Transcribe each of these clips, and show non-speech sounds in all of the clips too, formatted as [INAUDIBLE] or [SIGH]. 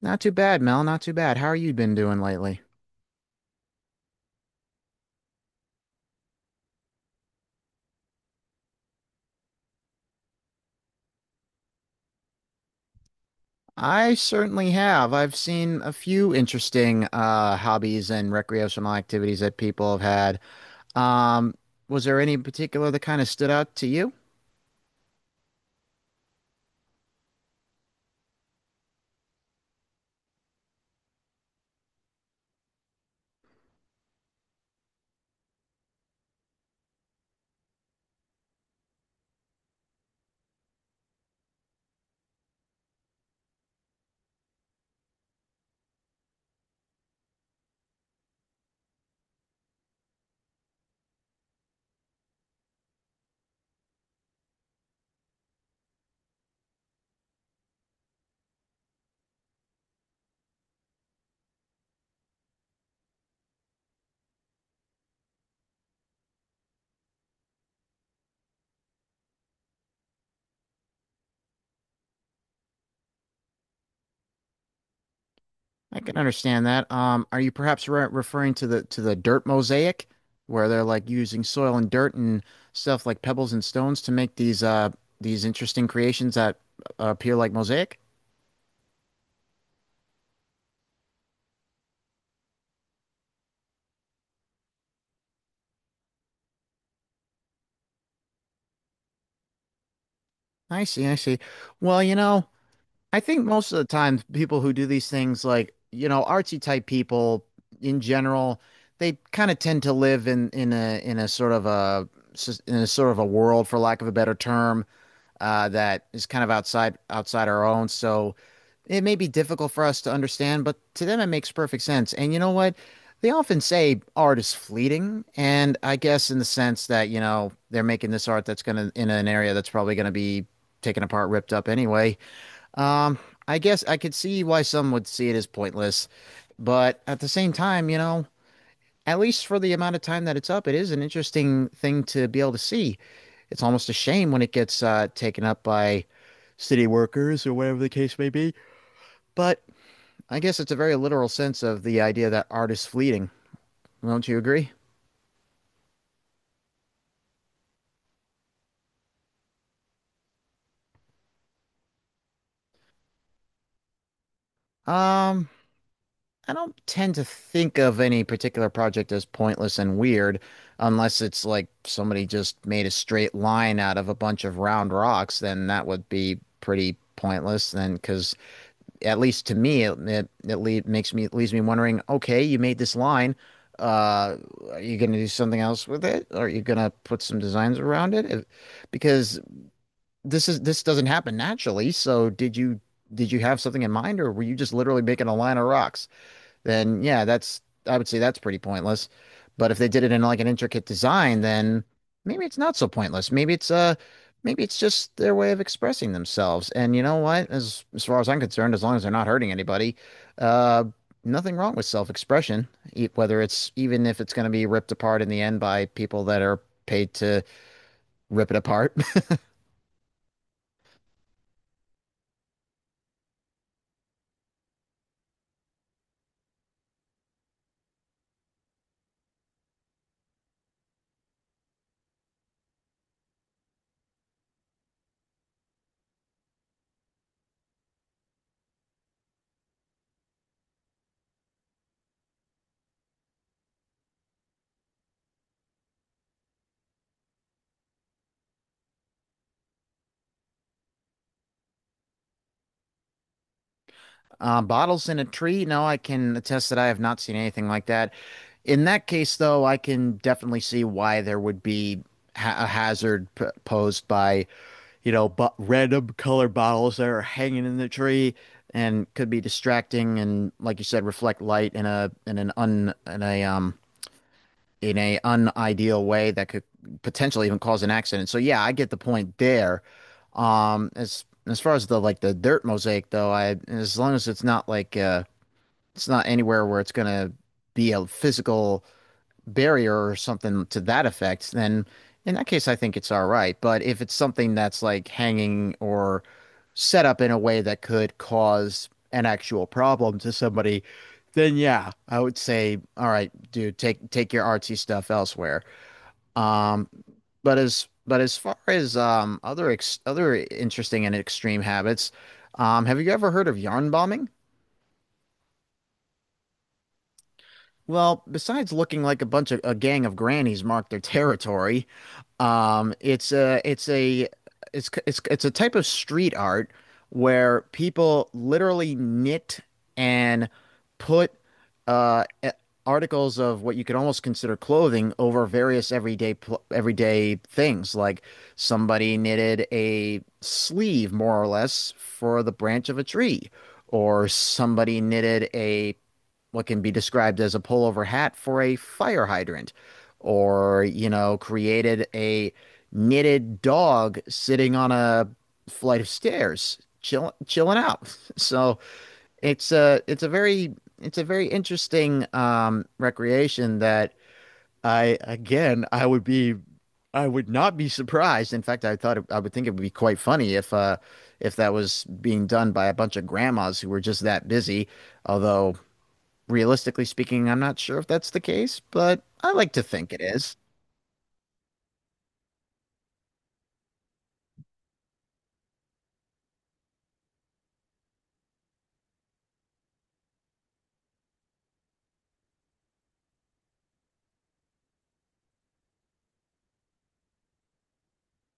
Not too bad, Mel. Not too bad. How are you been doing lately? I certainly have. I've seen a few interesting hobbies and recreational activities that people have had. Was there any in particular that kind of stood out to you? I can understand that. Are you perhaps re referring to the dirt mosaic, where they're like using soil and dirt and stuff like pebbles and stones to make these interesting creations that appear like mosaic? I see. I see. Well, you know. I think most of the time, people who do these things, like, artsy type people in general, they kind of tend to live in a sort of a world, for lack of a better term, that is kind of outside our own. So it may be difficult for us to understand, but to them, it makes perfect sense. And you know what? They often say art is fleeting, and I guess in the sense that, they're making this art that's gonna in an area that's probably gonna be taken apart, ripped up anyway. Um, I guess I could see why some would see it as pointless, but at the same time, at least for the amount of time that it's up, it is an interesting thing to be able to see. It's almost a shame when it gets taken up by city workers or whatever the case may be, but I guess it's a very literal sense of the idea that art is fleeting. Don't you agree? Um, I don't tend to think of any particular project as pointless and weird unless it's like somebody just made a straight line out of a bunch of round rocks, then that would be pretty pointless then because at least to me it it, it lead, makes me leaves me wondering, okay, you made this line. Uh, are you going to do something else with it? Are you going to put some designs around it? Because this doesn't happen naturally. So did you have something in mind or were you just literally making a line of rocks? Then, yeah, that's I would say that's pretty pointless. But if they did it in like an intricate design, then maybe it's not so pointless. Maybe it's just their way of expressing themselves. And you know what? As far as I'm concerned, as long as they're not hurting anybody, uh nothing wrong with self-expression, E- whether it's even if it's going to be ripped apart in the end by people that are paid to rip it apart. Bottles in a tree? No, I can attest that I have not seen anything like that. In that case, though, I can definitely see why there would be ha a hazard p posed by, bu random color bottles that are hanging in the tree and could be distracting and, like you said, reflect light in a in an un in a unideal way that could potentially even cause an accident. So yeah, I get the point there. As far as the dirt mosaic though, I as long as it's not anywhere where it's gonna be a physical barrier or something to that effect, then in that case, I think it's all right. But if it's something that's like hanging or set up in a way that could cause an actual problem to somebody, then yeah, I would say, all right, dude, take your artsy stuff elsewhere. Um, but as far as other ex other interesting and extreme habits, have you ever heard of yarn bombing? Well, besides looking like a bunch of a gang of grannies marked their territory, um, it's a it's a it's a type of street art where people literally knit and put uh, a- articles of what you could almost consider clothing over various everyday things. Like somebody knitted a sleeve, more or less, for the branch of a tree, or somebody knitted a what can be described as a pullover hat for a fire hydrant, or, created a knitted dog sitting on a flight of stairs, chilling out. [LAUGHS] So it's a it's a very it's a very interesting recreation that I again I would be I would not be surprised. In fact, I would think it would be quite funny if that was being done by a bunch of grandmas who were just that busy. Although realistically speaking, I'm not sure if that's the case, but I like to think it is.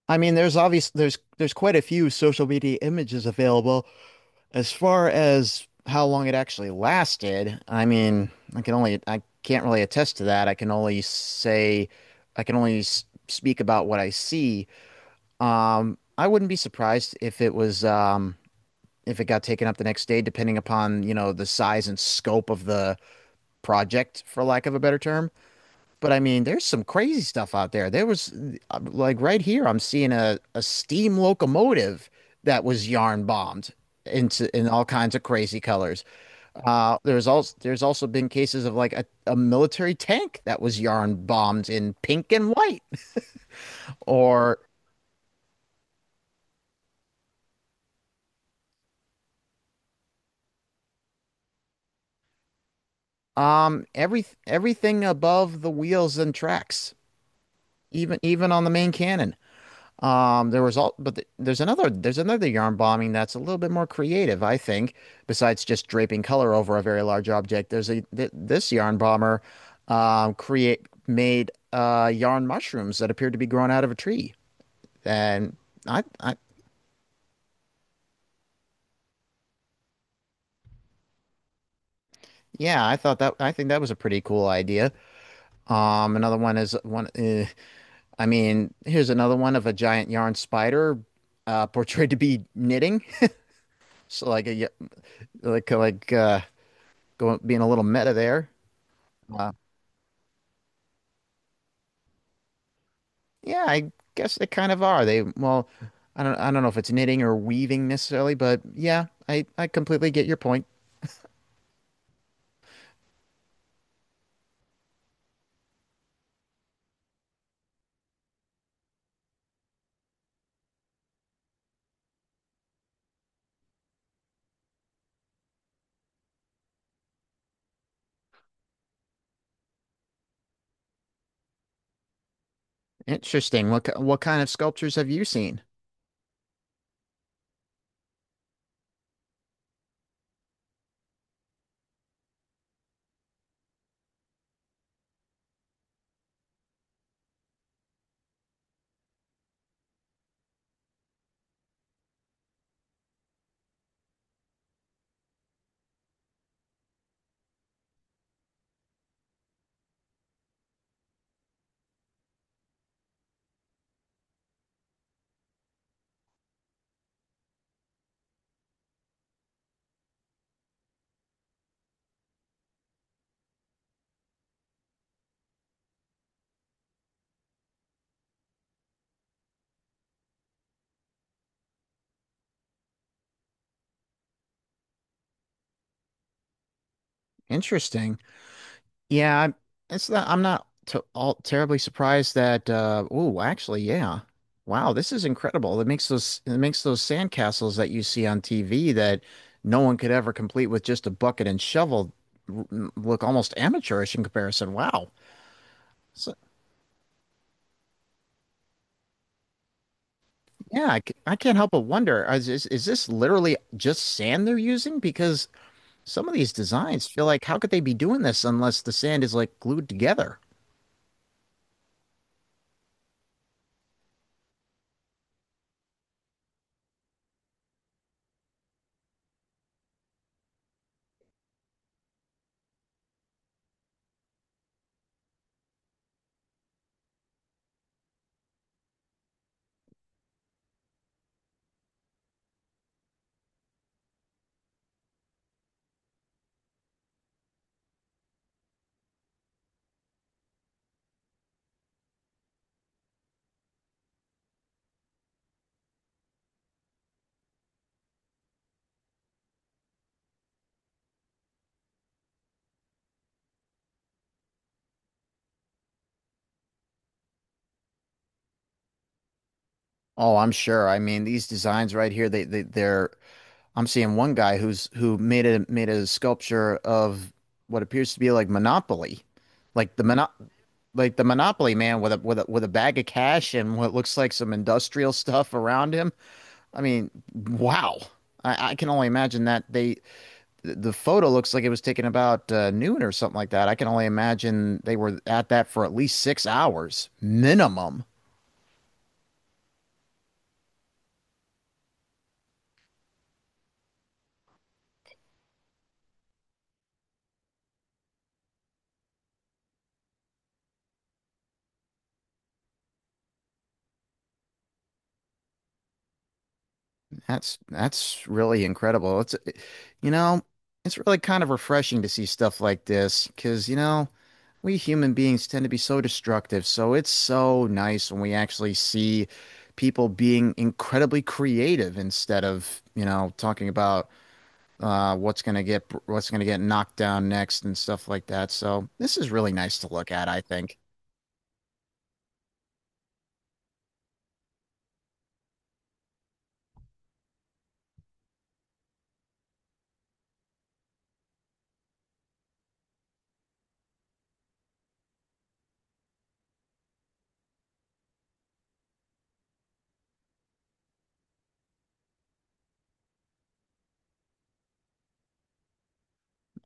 I mean, there's obvious there's quite a few social media images available. As far as how long it actually lasted, I mean, I can't really attest to that. I can only speak about what I see. I wouldn't be surprised if it was if it got taken up the next day, depending upon, the size and scope of the project, for lack of a better term. But I mean, there's some crazy stuff out there. There was like right here, I'm seeing a steam locomotive that was yarn bombed into in all kinds of crazy colors. There's also been cases of like a military tank that was yarn bombed in pink and white, or everything above the wheels and tracks, even on the main cannon. There was all, but th there's another yarn bombing that's a little bit more creative, I think. Besides just draping color over a very large object, there's a th this yarn bomber create made yarn mushrooms that appeared to be grown out of a tree, and I yeah, I think that was a pretty cool idea. Another one is one. Eh, I mean, here's another one of a giant yarn spider portrayed to be knitting, [LAUGHS] so like going being a little meta there. Uh, yeah, I guess they kind of are. Well, I don't know if it's knitting or weaving necessarily, but yeah, I completely get your point. Interesting. What kind of sculptures have you seen? Interesting. Yeah, I'm not to all terribly surprised that, oh, actually, yeah. Wow, this is incredible. It makes those sandcastles that you see on TV that no one could ever complete with just a bucket and shovel r- look almost amateurish in comparison. Wow. So yeah, I can't help but wonder, is this literally just sand they're using? Because some of these designs feel like how could they be doing this unless the sand is like glued together? Oh, I'm sure. I mean, these designs right here, they they're I'm seeing one guy who made a sculpture of what appears to be like Monopoly. Like the Monopoly man with a bag of cash and what looks like some industrial stuff around him. I mean, wow. I can only imagine that the photo looks like it was taken about noon or something like that. I can only imagine they were at that for at least 6 hours minimum. That's really incredible. You know, it's really kind of refreshing to see stuff like this because we human beings tend to be so destructive. So it's so nice when we actually see people being incredibly creative instead of talking about. What's gonna get knocked down next and stuff like that. So this is really nice to look at, I think.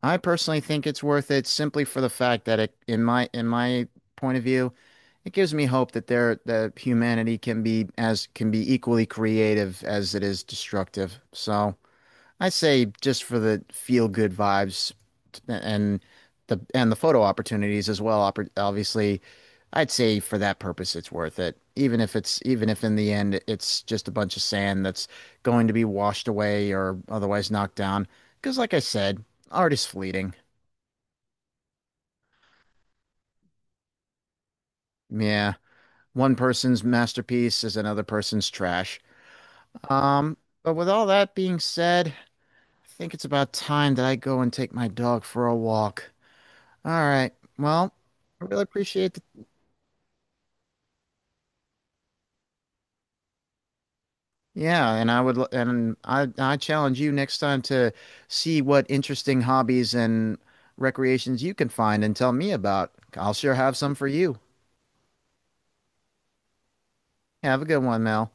I personally think it's worth it simply for the fact that it, in my point of view, it gives me hope that there that humanity can be equally creative as it is destructive. So. I say just for the feel good vibes and the photo opportunities as well. Obviously, I'd say for that purpose, it's worth it. Even if in the end it's just a bunch of sand that's going to be washed away or otherwise knocked down. Because, like I said, art is fleeting. Yeah, one person's masterpiece is another person's trash. Um, but with all that being said, I think it's about time that I go and take my dog for a walk. All right. Well, I really appreciate the yeah, and I challenge you next time to see what interesting hobbies and recreations you can find and tell me about. I'll sure have some for you. Have a good one, Mel.